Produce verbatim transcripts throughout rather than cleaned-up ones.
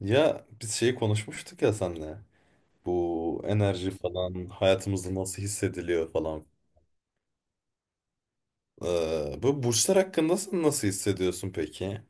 Ya biz şeyi konuşmuştuk ya senle. Bu enerji falan hayatımızda nasıl hissediliyor falan. Ee, bu burçlar hakkında sen nasıl hissediyorsun peki?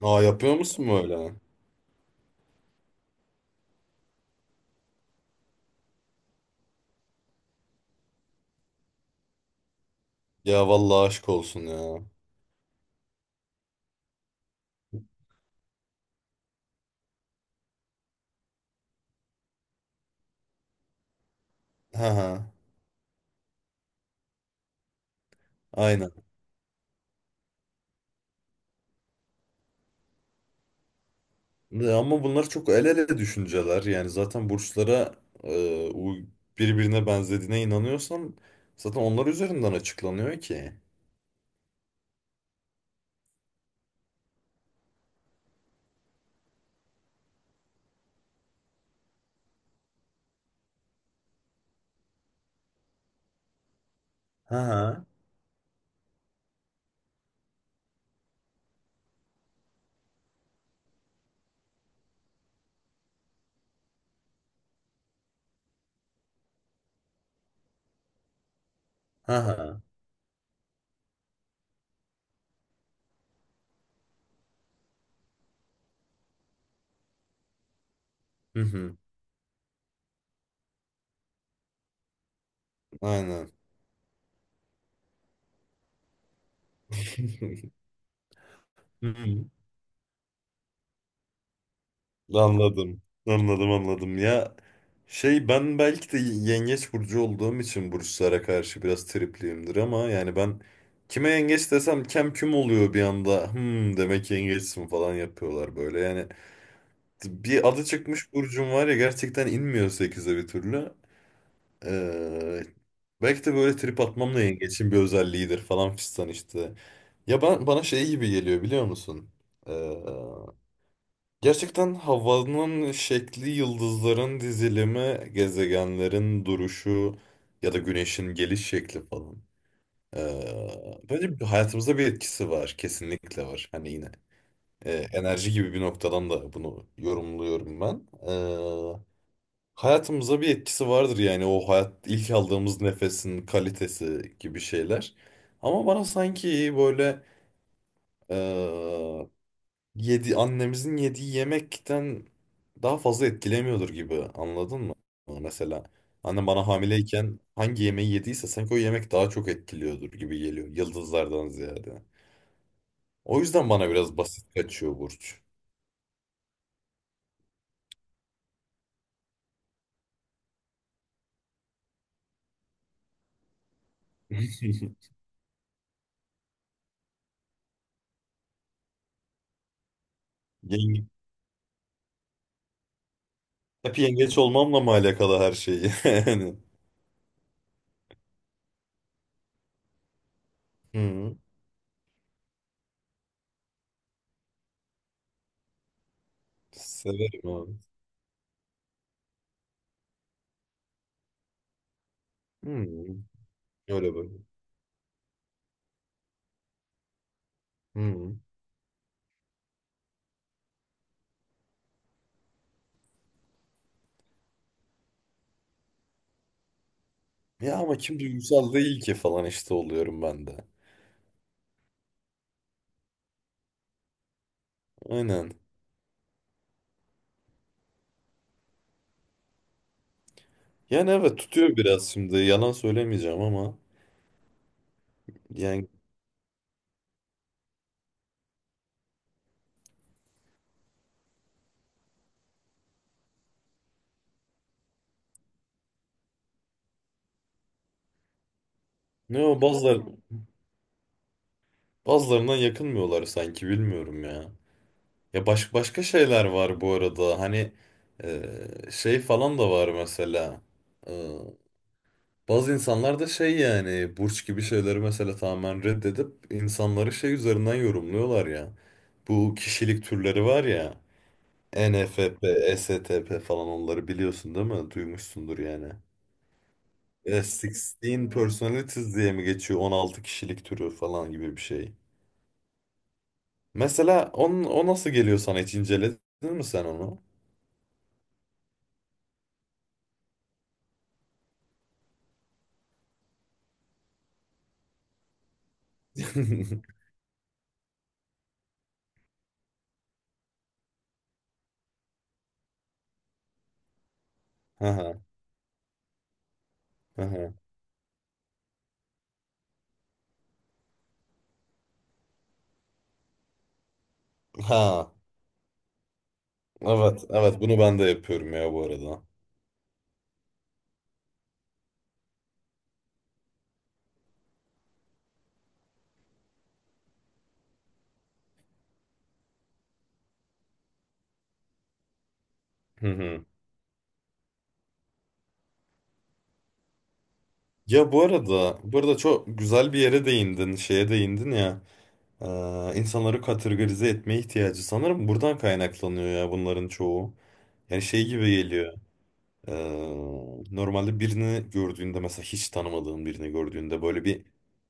Aa, yapıyor musun böyle? Ya vallahi aşk olsun ya. Ha ha. Aynen. Ya, ama bunlar çok el ele düşünceler. Yani zaten burçlara e, uy- birbirine benzediğine inanıyorsan zaten onlar üzerinden açıklanıyor ki. Ha ha. Ha ha. Hı hı. Aynen. Hı hı. Anladım. Anladım, anladım. Ya, şey, ben belki de yengeç burcu olduğum için burçlara karşı biraz tripliyimdir ama yani ben kime yengeç desem kem küm oluyor bir anda. Hmm, demek yengeçsin falan yapıyorlar böyle. Yani bir adı çıkmış burcum var ya, gerçekten inmiyor sekize bir türlü. Ee, Belki de böyle trip atmam da yengeçin bir özelliğidir falan fistan işte. Ya ben bana şey gibi geliyor biliyor musun? Gerçekten havanın şekli, yıldızların dizilimi, gezegenlerin duruşu ya da güneşin geliş şekli falan. Ee, bence bir- hayatımıza bir etkisi var, kesinlikle var. Hani yine e, enerji gibi bir noktadan da bunu yorumluyorum ben. Ee, hayatımıza bir etkisi vardır yani o hayat ilk aldığımız nefesin kalitesi gibi şeyler. Ama bana sanki böyle yedi annemizin yediği yemekten daha fazla etkilemiyordur gibi anladın mı? Mesela annem bana hamileyken hangi yemeği yediyse sanki o yemek daha çok etkiliyordur gibi geliyor yıldızlardan ziyade. O yüzden bana biraz basit kaçıyor burç. Yenge, Hep yengeç olmamla mı alakalı her şeyi? Yani. Hı, severim abi. Hı, öyle böyle. Hı. Ya ama kim duygusal değil ki falan işte oluyorum ben de. Aynen. Yani, evet, tutuyor biraz şimdi. Yalan söylemeyeceğim ama yani ne o bazılar bazılarından yakınmıyorlar sanki, bilmiyorum ya. Ya, baş, başka şeyler var bu arada. Hani e, şey falan da var mesela. E, Bazı insanlar da şey yani burç gibi şeyleri mesela tamamen reddedip insanları şey üzerinden yorumluyorlar ya. Bu kişilik türleri var ya. E N F P, S T P falan, onları biliyorsun değil mi? Duymuşsundur yani. E, on altı personalities diye mi geçiyor? on altı kişilik türü falan gibi bir şey. Mesela on, o nasıl geliyor sana, hiç inceledin mi sen onu? Ha, ha, ha. Evet, evet, bunu ben de yapıyorum ya bu arada. Hı hı. Ya bu arada, bu arada çok güzel bir yere değindin, şeye değindin ya. Ee, insanları kategorize etme ihtiyacı sanırım buradan kaynaklanıyor ya bunların çoğu. Yani şey gibi geliyor. Ee, Normalde birini gördüğünde, mesela hiç tanımadığın birini gördüğünde böyle bir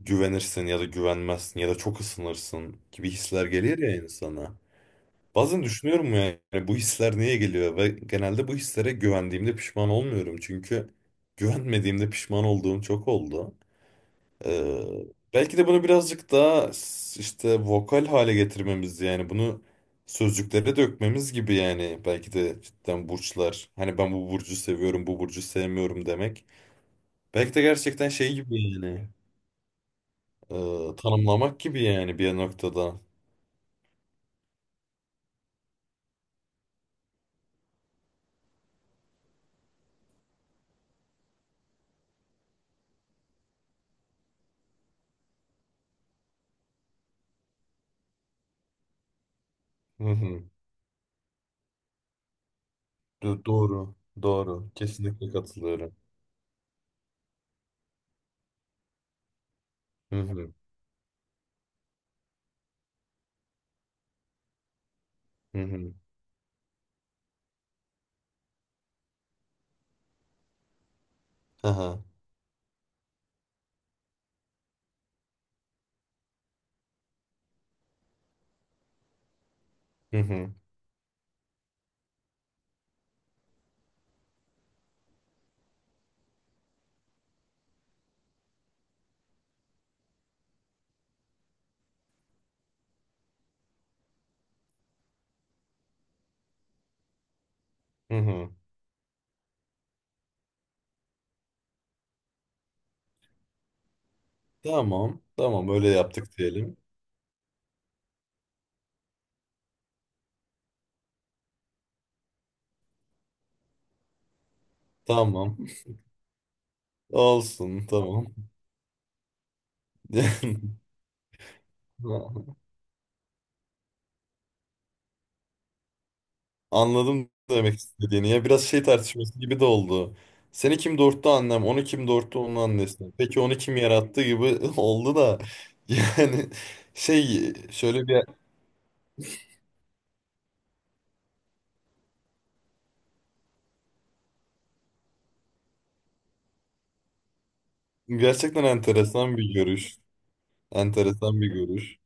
güvenirsin ya da güvenmezsin ya da çok ısınırsın gibi hisler gelir ya insana. Bazen düşünüyorum ya, yani bu hisler niye geliyor ve genelde bu hislere güvendiğimde pişman olmuyorum çünkü güvenmediğimde pişman olduğum çok oldu. Ee, Belki de bunu birazcık daha s- işte vokal hale getirmemiz, yani bunu sözcüklere dökmemiz gibi, yani belki de cidden burçlar, hani ben bu burcu seviyorum bu burcu sevmiyorum demek, belki de gerçekten şey gibi yani, e, tanımlamak gibi yani bir noktada. Hı hı. Do- doğru, doğru, kesinlikle katılıyorum. Hı hı. Hı hı. Aha. Hı hı. Hı hı. Tamam, tamam, öyle yaptık diyelim. Tamam olsun, tamam. Anladım demek istediğini. Ya biraz şey tartışması gibi de oldu. Seni kim doğurttu annem, onu kim doğurttu onun annesi. Peki onu kim yarattı gibi oldu da. Yani şey şöyle bir, gerçekten enteresan bir görüş. Enteresan bir görüş.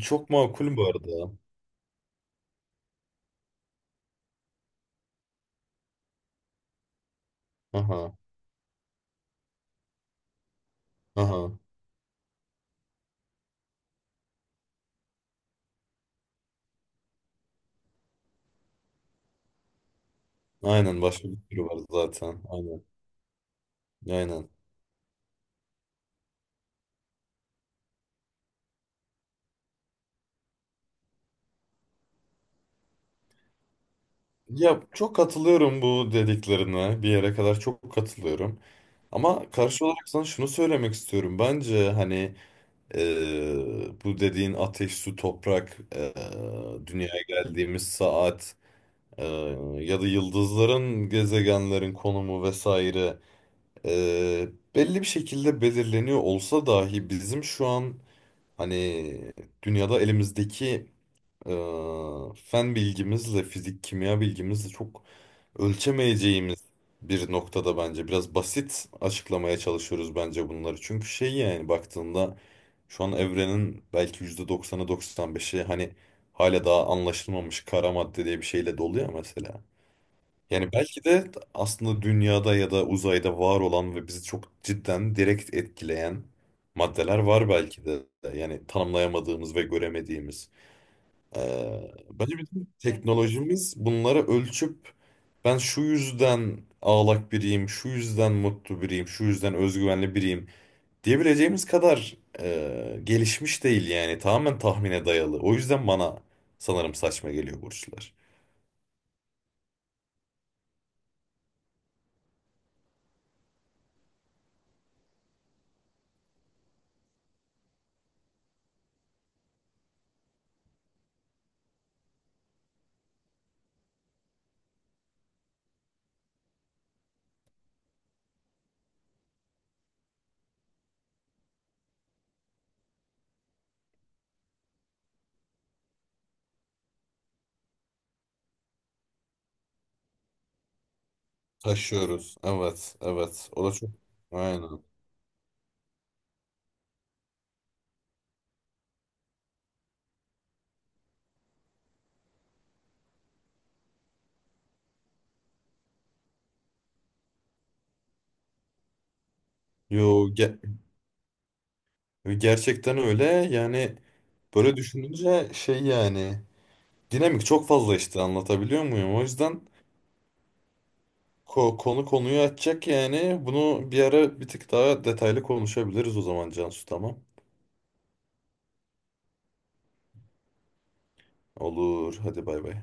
Çok makul bu arada. Aha, aha. Aynen, başka bir sürü var zaten. Aynen. Aynen. Ya çok katılıyorum bu dediklerine. Bir yere kadar çok katılıyorum. Ama karşı olarak sana şunu söylemek istiyorum. Bence hani Ee, bu dediğin ateş, su, toprak, ee, dünyaya geldiğimiz saat, ee, ya da yıldızların, gezegenlerin konumu vesaire, ee, belli bir şekilde belirleniyor olsa dahi bizim şu an hani dünyada elimizdeki ee, fen bilgimizle, fizik, kimya bilgimizle çok ölçemeyeceğimiz bir noktada bence biraz basit açıklamaya çalışıyoruz bence bunları. Çünkü şey yani baktığında şu an evrenin belki yüzde doksanı doksan beşi hani hala daha anlaşılmamış kara madde diye bir şeyle dolu ya mesela. Yani belki de aslında dünyada ya da uzayda var olan ve bizi çok cidden direkt etkileyen maddeler var belki de. Yani tanımlayamadığımız ve göremediğimiz. Ee, bence bütün teknolojimiz bunları ölçüp ben şu yüzden ağlak biriyim, şu yüzden mutlu biriyim, şu yüzden özgüvenli biriyim diyebileceğimiz kadar e, gelişmiş değil yani, tamamen tahmine dayalı. O yüzden bana sanırım saçma geliyor burçlar. Taşıyoruz. Evet, evet. O da çok. Aynen. Yo, ge- gerçekten öyle. Yani böyle düşününce şey yani dinamik çok fazla işte, anlatabiliyor muyum? O yüzden Ko- konu konuyu açacak yani. Bunu bir ara bir tık daha detaylı konuşabiliriz o zaman Cansu, tamam. Olur, hadi bay bay.